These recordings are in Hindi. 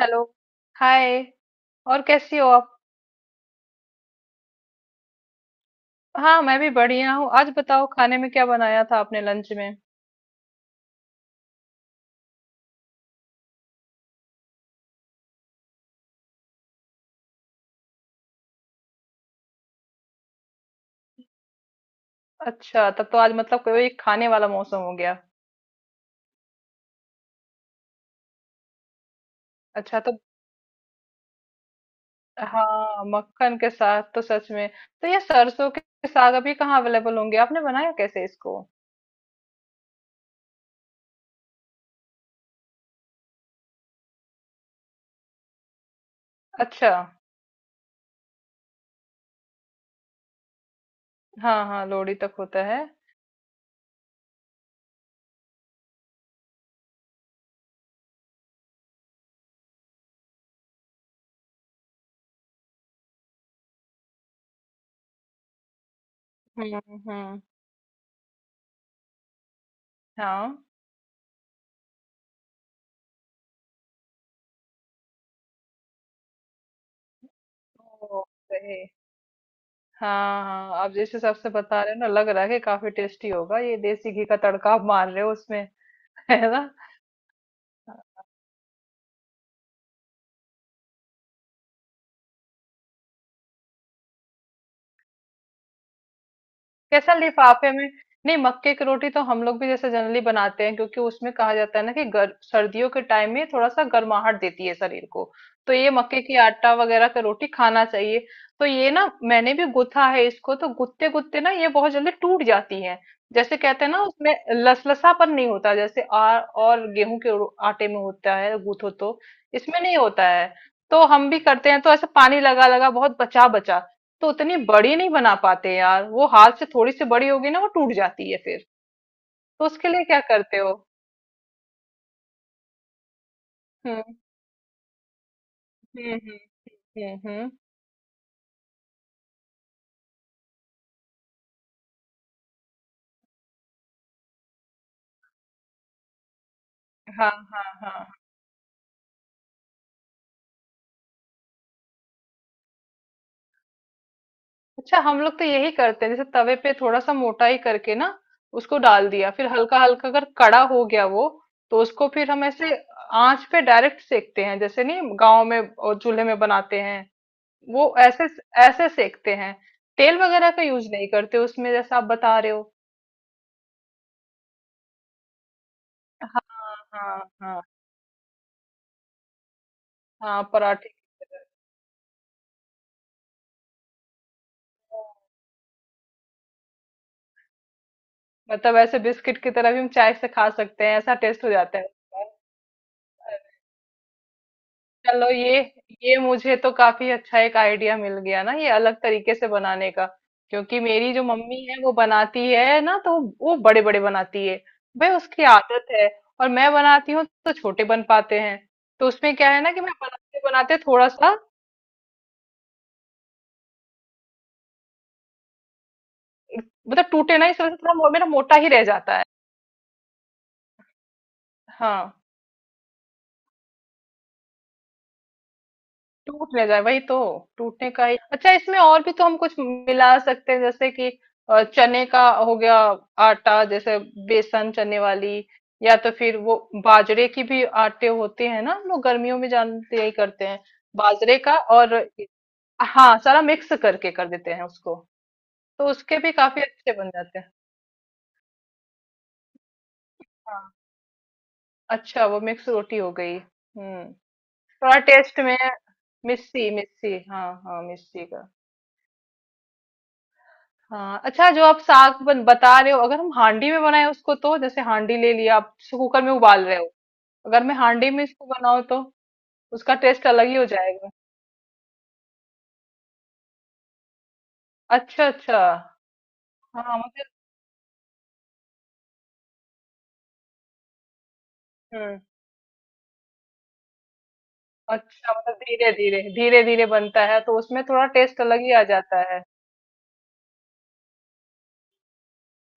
हेलो। हाय। और कैसी हो आप? हाँ मैं भी बढ़िया हूँ। आज बताओ खाने में क्या बनाया था आपने लंच में? अच्छा, तब तो आज मतलब कोई खाने वाला मौसम हो गया। अच्छा, तो हाँ, मक्खन के साथ तो सच में। तो ये सरसों के साग अभी कहाँ अवेलेबल होंगे? आपने बनाया कैसे इसको? अच्छा। हाँ हाँ, लोहड़ी तक होता है। हम्म। हम्म। हाँ। ओ, सही। हाँ हाँ, आप जिस हिसाब से बता रहे हो ना, लग रहा है कि काफी टेस्टी होगा। ये देसी घी का तड़का आप मार रहे हो उसमें है ना। कैसा लिफाफे में? नहीं, मक्के की रोटी तो हम लोग भी जैसे जनरली बनाते हैं क्योंकि उसमें कहा जाता है ना कि सर्दियों के टाइम में थोड़ा सा गर्माहट देती है शरीर को। तो ये मक्के की आटा वगैरह का रोटी खाना चाहिए। तो ये ना मैंने भी गुथा है, इसको तो गुत्ते गुत्ते ना ये बहुत जल्दी टूट जाती है। जैसे कहते हैं ना, उसमें लसलसापन नहीं होता जैसे और गेहूं के आटे में होता है गूथो तो। इसमें नहीं होता है। तो हम भी करते हैं तो ऐसे पानी लगा लगा, बहुत बचा बचा। तो उतनी बड़ी नहीं बना पाते यार, वो हाथ से थोड़ी सी बड़ी होगी ना वो टूट जाती है फिर। तो उसके लिए क्या करते हो? हम्म हम्म। हम्म। हम्म। हाँ हाँ हाँ हाँ। अच्छा, हम लोग तो यही करते हैं, जैसे तवे पे थोड़ा सा मोटा ही करके ना उसको डाल दिया, फिर हल्का हल्का अगर कड़ा हो गया वो, तो उसको फिर हम ऐसे आंच पे डायरेक्ट सेकते हैं। जैसे नहीं, गांव में और चूल्हे में बनाते हैं वो, ऐसे ऐसे सेकते हैं। तेल वगैरह का यूज नहीं करते उसमें, जैसा आप बता रहे हो। हाँ हाँ। हाँ हाँ पराठे। मतलब ऐसे बिस्किट की तरह भी हम चाय से खा सकते हैं, ऐसा टेस्ट हो जाता है उसका। चलो, ये मुझे तो काफी अच्छा एक आइडिया मिल गया ना, ये अलग तरीके से बनाने का। क्योंकि मेरी जो मम्मी है वो बनाती है ना, तो वो बड़े बड़े बनाती है। भाई उसकी आदत है। और मैं बनाती हूँ तो छोटे बन पाते हैं। तो उसमें क्या है ना कि मैं बनाते बनाते थोड़ा सा, मतलब टूटे ना इस वजह से, थोड़ा मेरा मोटा ही रह जाता है। हाँ, टूट ना जाए वही तो। टूटने का ही। अच्छा, इसमें और भी तो हम कुछ मिला सकते हैं जैसे कि चने का हो गया, आटा जैसे, बेसन, चने वाली। या तो फिर वो बाजरे की भी आटे होते हैं ना, हम लोग गर्मियों में जानते यही करते हैं। बाजरे का और हाँ, सारा मिक्स करके कर देते हैं उसको। तो उसके भी काफी अच्छे बन जाते हैं। हाँ। अच्छा, वो मिक्स रोटी हो गई। हम्म, थोड़ा टेस्ट में। मिस्सी मिस्सी, हाँ हाँ, मिस्सी का। हाँ। अच्छा, जो आप साग बता रहे हो, अगर हम हांडी में बनाए उसको, तो जैसे हांडी ले लिया, आप जैसे कुकर में उबाल रहे हो, अगर मैं हांडी में इसको बनाऊँ तो उसका टेस्ट अलग ही हो जाएगा। अच्छा अच्छा। हाँ मतलब। हम्म। अच्छा, मतलब धीरे धीरे धीरे धीरे बनता है तो उसमें थोड़ा टेस्ट अलग ही आ जाता है।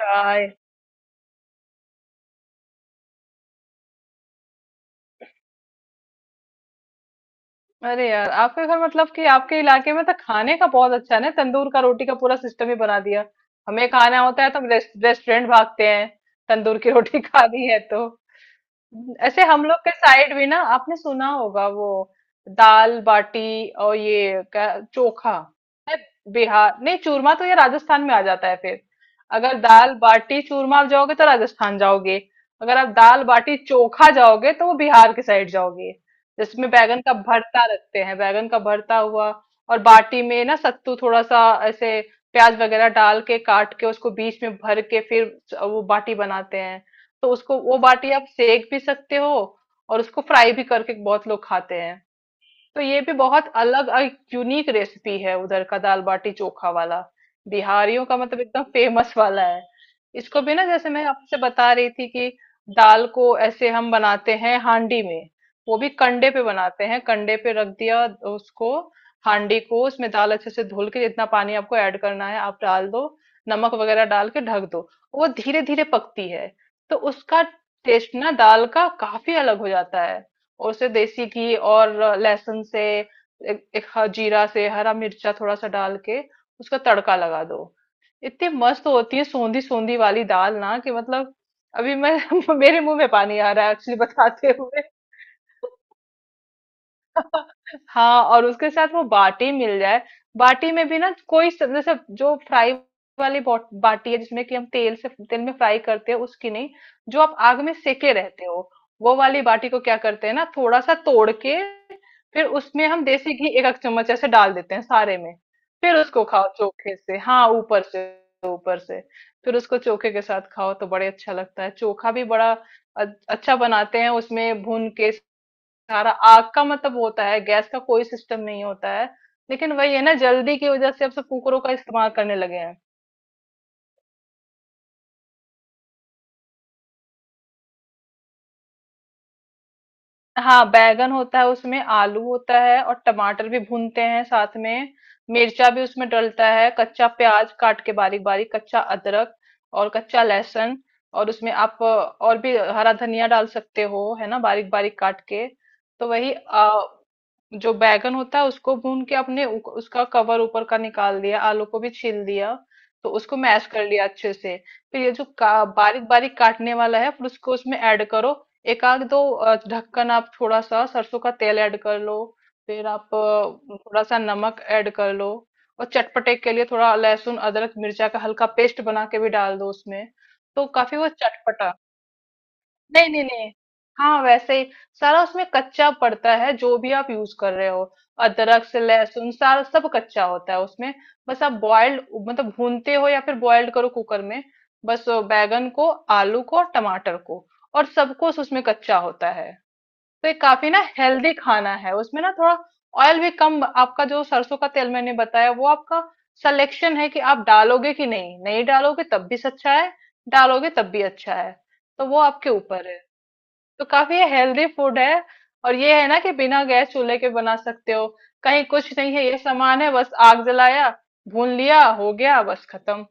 चाय। अरे यार, आपके घर मतलब कि आपके इलाके में तो खाने का बहुत अच्छा है ना, तंदूर का, रोटी का पूरा सिस्टम ही बना दिया। हमें खाना होता है तो हम रेस्टोरेंट भागते हैं, तंदूर की रोटी खानी है तो। ऐसे हम लोग के साइड भी ना आपने सुना होगा, वो दाल बाटी, और ये क्या, चोखा है। बिहार, नहीं, चूरमा तो ये राजस्थान में आ जाता है फिर। अगर दाल बाटी चूरमा आप जाओगे तो राजस्थान जाओगे। अगर आप दाल बाटी चोखा जाओगे तो वो बिहार के साइड जाओगे। जिसमें बैगन का भरता रखते हैं, बैगन का भरता हुआ, और बाटी में ना सत्तू थोड़ा सा ऐसे प्याज वगैरह डाल के काट के, उसको बीच में भर के, फिर वो बाटी बनाते हैं। तो उसको, वो बाटी आप सेक भी सकते हो और उसको फ्राई भी करके बहुत लोग खाते हैं। तो ये भी बहुत अलग और यूनिक रेसिपी है, उधर का दाल बाटी चोखा वाला। बिहारियों का मतलब एकदम फेमस वाला है। इसको भी ना, जैसे मैं आपसे बता रही थी कि दाल को ऐसे हम बनाते हैं हांडी में। वो भी कंडे पे बनाते हैं, कंडे पे रख दिया उसको, हांडी को, उसमें दाल अच्छे से धुल के, जितना पानी आपको ऐड करना है आप डाल दो, नमक वगैरह डाल के ढक दो। वो धीरे धीरे पकती है। तो उसका टेस्ट ना दाल का काफी अलग हो जाता है। और उसे देसी घी और लहसुन से, एक जीरा से, हरा मिर्चा थोड़ा सा डाल के उसका तड़का लगा दो। इतनी मस्त होती है सोंधी सोंधी वाली दाल ना कि मतलब, अभी मैं मेरे मुंह में पानी आ रहा है एक्चुअली बताते हुए। हाँ, और उसके साथ वो बाटी मिल जाए। बाटी में भी ना कोई जैसे जो फ्राई वाली बाटी है, जिसमें कि हम तेल से, तेल में फ्राई करते हैं, उसकी नहीं, जो आप आग में सेके रहते हो, वो वाली बाटी को क्या करते हैं ना, थोड़ा सा तोड़ के फिर उसमें हम देसी घी एक एक चम्मच ऐसे डाल देते हैं सारे में। फिर उसको खाओ चोखे से। हाँ, ऊपर से, ऊपर से, फिर उसको चोखे के साथ खाओ तो बड़े अच्छा लगता है। चोखा भी बड़ा अच्छा बनाते हैं उसमें, भून के सारा। आग का मतलब होता है, गैस का कोई सिस्टम नहीं होता है। लेकिन वही है ना, जल्दी की वजह से अब सब कुकरों का इस्तेमाल करने लगे हैं। हाँ, बैगन होता है उसमें, आलू होता है, और टमाटर भी भूनते हैं साथ में। मिर्चा भी उसमें डलता है, कच्चा प्याज काट के बारीक बारीक, कच्चा अदरक और कच्चा लहसुन। और उसमें आप और भी हरा धनिया डाल सकते हो है ना, बारीक बारीक काट के। तो वही जो बैगन होता है उसको भून के आपने उसका कवर ऊपर का निकाल दिया, आलू को भी छील दिया, तो उसको मैश कर लिया अच्छे से। फिर ये जो बारीक बारीक काटने वाला है फिर उसको उसमें ऐड करो। एक आध दो ढक्कन आप थोड़ा सा सरसों का तेल ऐड कर लो। फिर आप थोड़ा सा नमक ऐड कर लो। और चटपटे के लिए थोड़ा लहसुन अदरक मिर्चा का हल्का पेस्ट बना के भी डाल दो उसमें। तो काफी वो चटपटा। नहीं नहीं नहीं, हाँ वैसे ही सारा उसमें कच्चा पड़ता है, जो भी आप यूज कर रहे हो। अदरक से लहसुन, सारा सब कच्चा होता है उसमें। बस आप बॉइल्ड, मतलब भूनते हो या फिर बॉइल्ड करो कुकर में, बस वो बैगन को, आलू को, और टमाटर को। और सब कुछ उसमें कच्चा होता है। तो ये काफी ना हेल्दी खाना है उसमें, ना थोड़ा ऑयल भी कम। आपका जो सरसों का तेल मैंने बताया वो आपका सिलेक्शन है कि आप डालोगे कि नहीं, नहीं डालोगे तब भी अच्छा है, डालोगे तब भी अच्छा है। तो वो आपके ऊपर है। तो काफी हेल्दी फूड है। और ये है ना कि बिना गैस चूल्हे के बना सकते हो, कहीं कुछ नहीं है, ये सामान है, बस आग जलाया, भून लिया, हो गया, बस खत्म।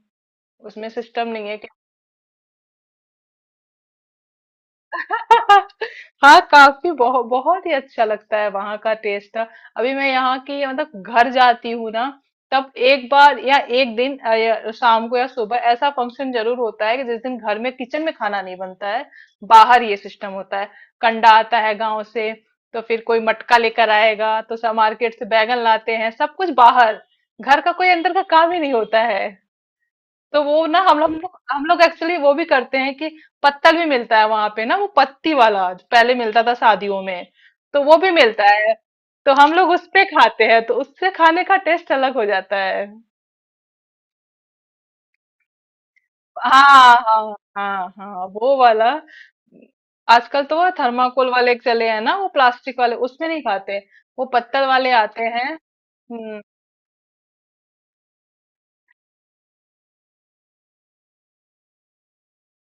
उसमें सिस्टम नहीं है। हाँ, काफी बहुत बहुत ही अच्छा लगता है वहां का टेस्ट। अभी मैं यहाँ की, मतलब घर जाती हूँ ना तब, एक बार या एक दिन या शाम को या सुबह ऐसा फंक्शन जरूर होता है कि जिस दिन घर में किचन में खाना नहीं बनता है, बाहर ये सिस्टम होता है। कंडा आता है गांव से, तो फिर कोई मटका लेकर आएगा, तो सब मार्केट से बैगन लाते हैं, सब कुछ बाहर। घर का कोई अंदर का काम ही नहीं होता है। तो वो ना हम लोग हम लोग एक्चुअली वो भी करते हैं कि पत्तल भी मिलता है वहां पे ना, वो पत्ती वाला जो पहले मिलता था शादियों में, तो वो भी मिलता है। तो हम लोग उस पे खाते हैं, तो उससे खाने का टेस्ट अलग हो जाता है। हाँ हाँ हाँ, हाँ वो वाला। आजकल तो वो थर्माकोल वाले चले हैं ना, वो प्लास्टिक वाले, उसमें नहीं खाते, वो पत्तल वाले आते हैं। हम्म।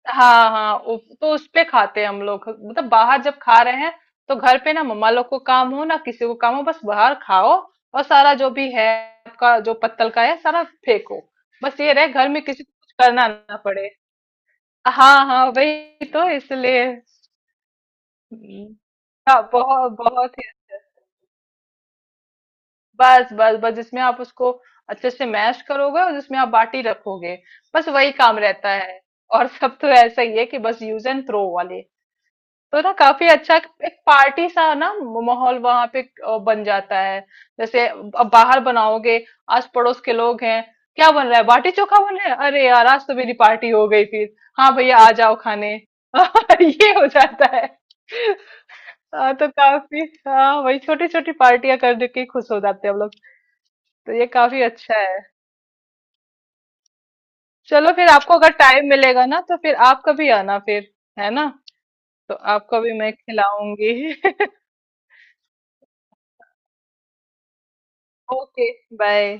हाँ हाँ, तो उस पे खाते हैं हम लोग मतलब बाहर जब खा रहे हैं, तो घर पे ना मम्मा लोग को काम हो, ना किसी को काम हो, बस बाहर खाओ, और सारा जो भी है आपका जो पत्तल का है सारा फेंको। बस ये रहे घर में किसी को कुछ करना ना पड़े। हाँ हाँ, वही तो इसलिए। हम्म, हाँ, बहुत बहुत ही अच्छा। बस बस बस जिसमें आप उसको अच्छे से मैश करोगे, और जिसमें आप बाटी रखोगे, बस वही काम रहता है। और सब तो ऐसा ही है कि बस यूज एंड थ्रो वाले। तो ना, काफी अच्छा एक पार्टी सा ना माहौल वहां पे बन जाता है। जैसे अब बाहर बनाओगे, आस पड़ोस के लोग हैं, क्या बन रहा है, बाटी चोखा बन रहा है, अरे यार आज तो मेरी पार्टी हो गई फिर, हाँ भैया आ जाओ खाने ये हो जाता है। हाँ तो काफी, हाँ वही छोटी छोटी पार्टियां करने के ही खुश हो जाते हैं हम लोग। तो ये काफी अच्छा है। चलो फिर, आपको अगर टाइम मिलेगा ना तो फिर आप कभी आना फिर, है ना, तो आपको भी मैं खिलाऊंगी। Okay, bye.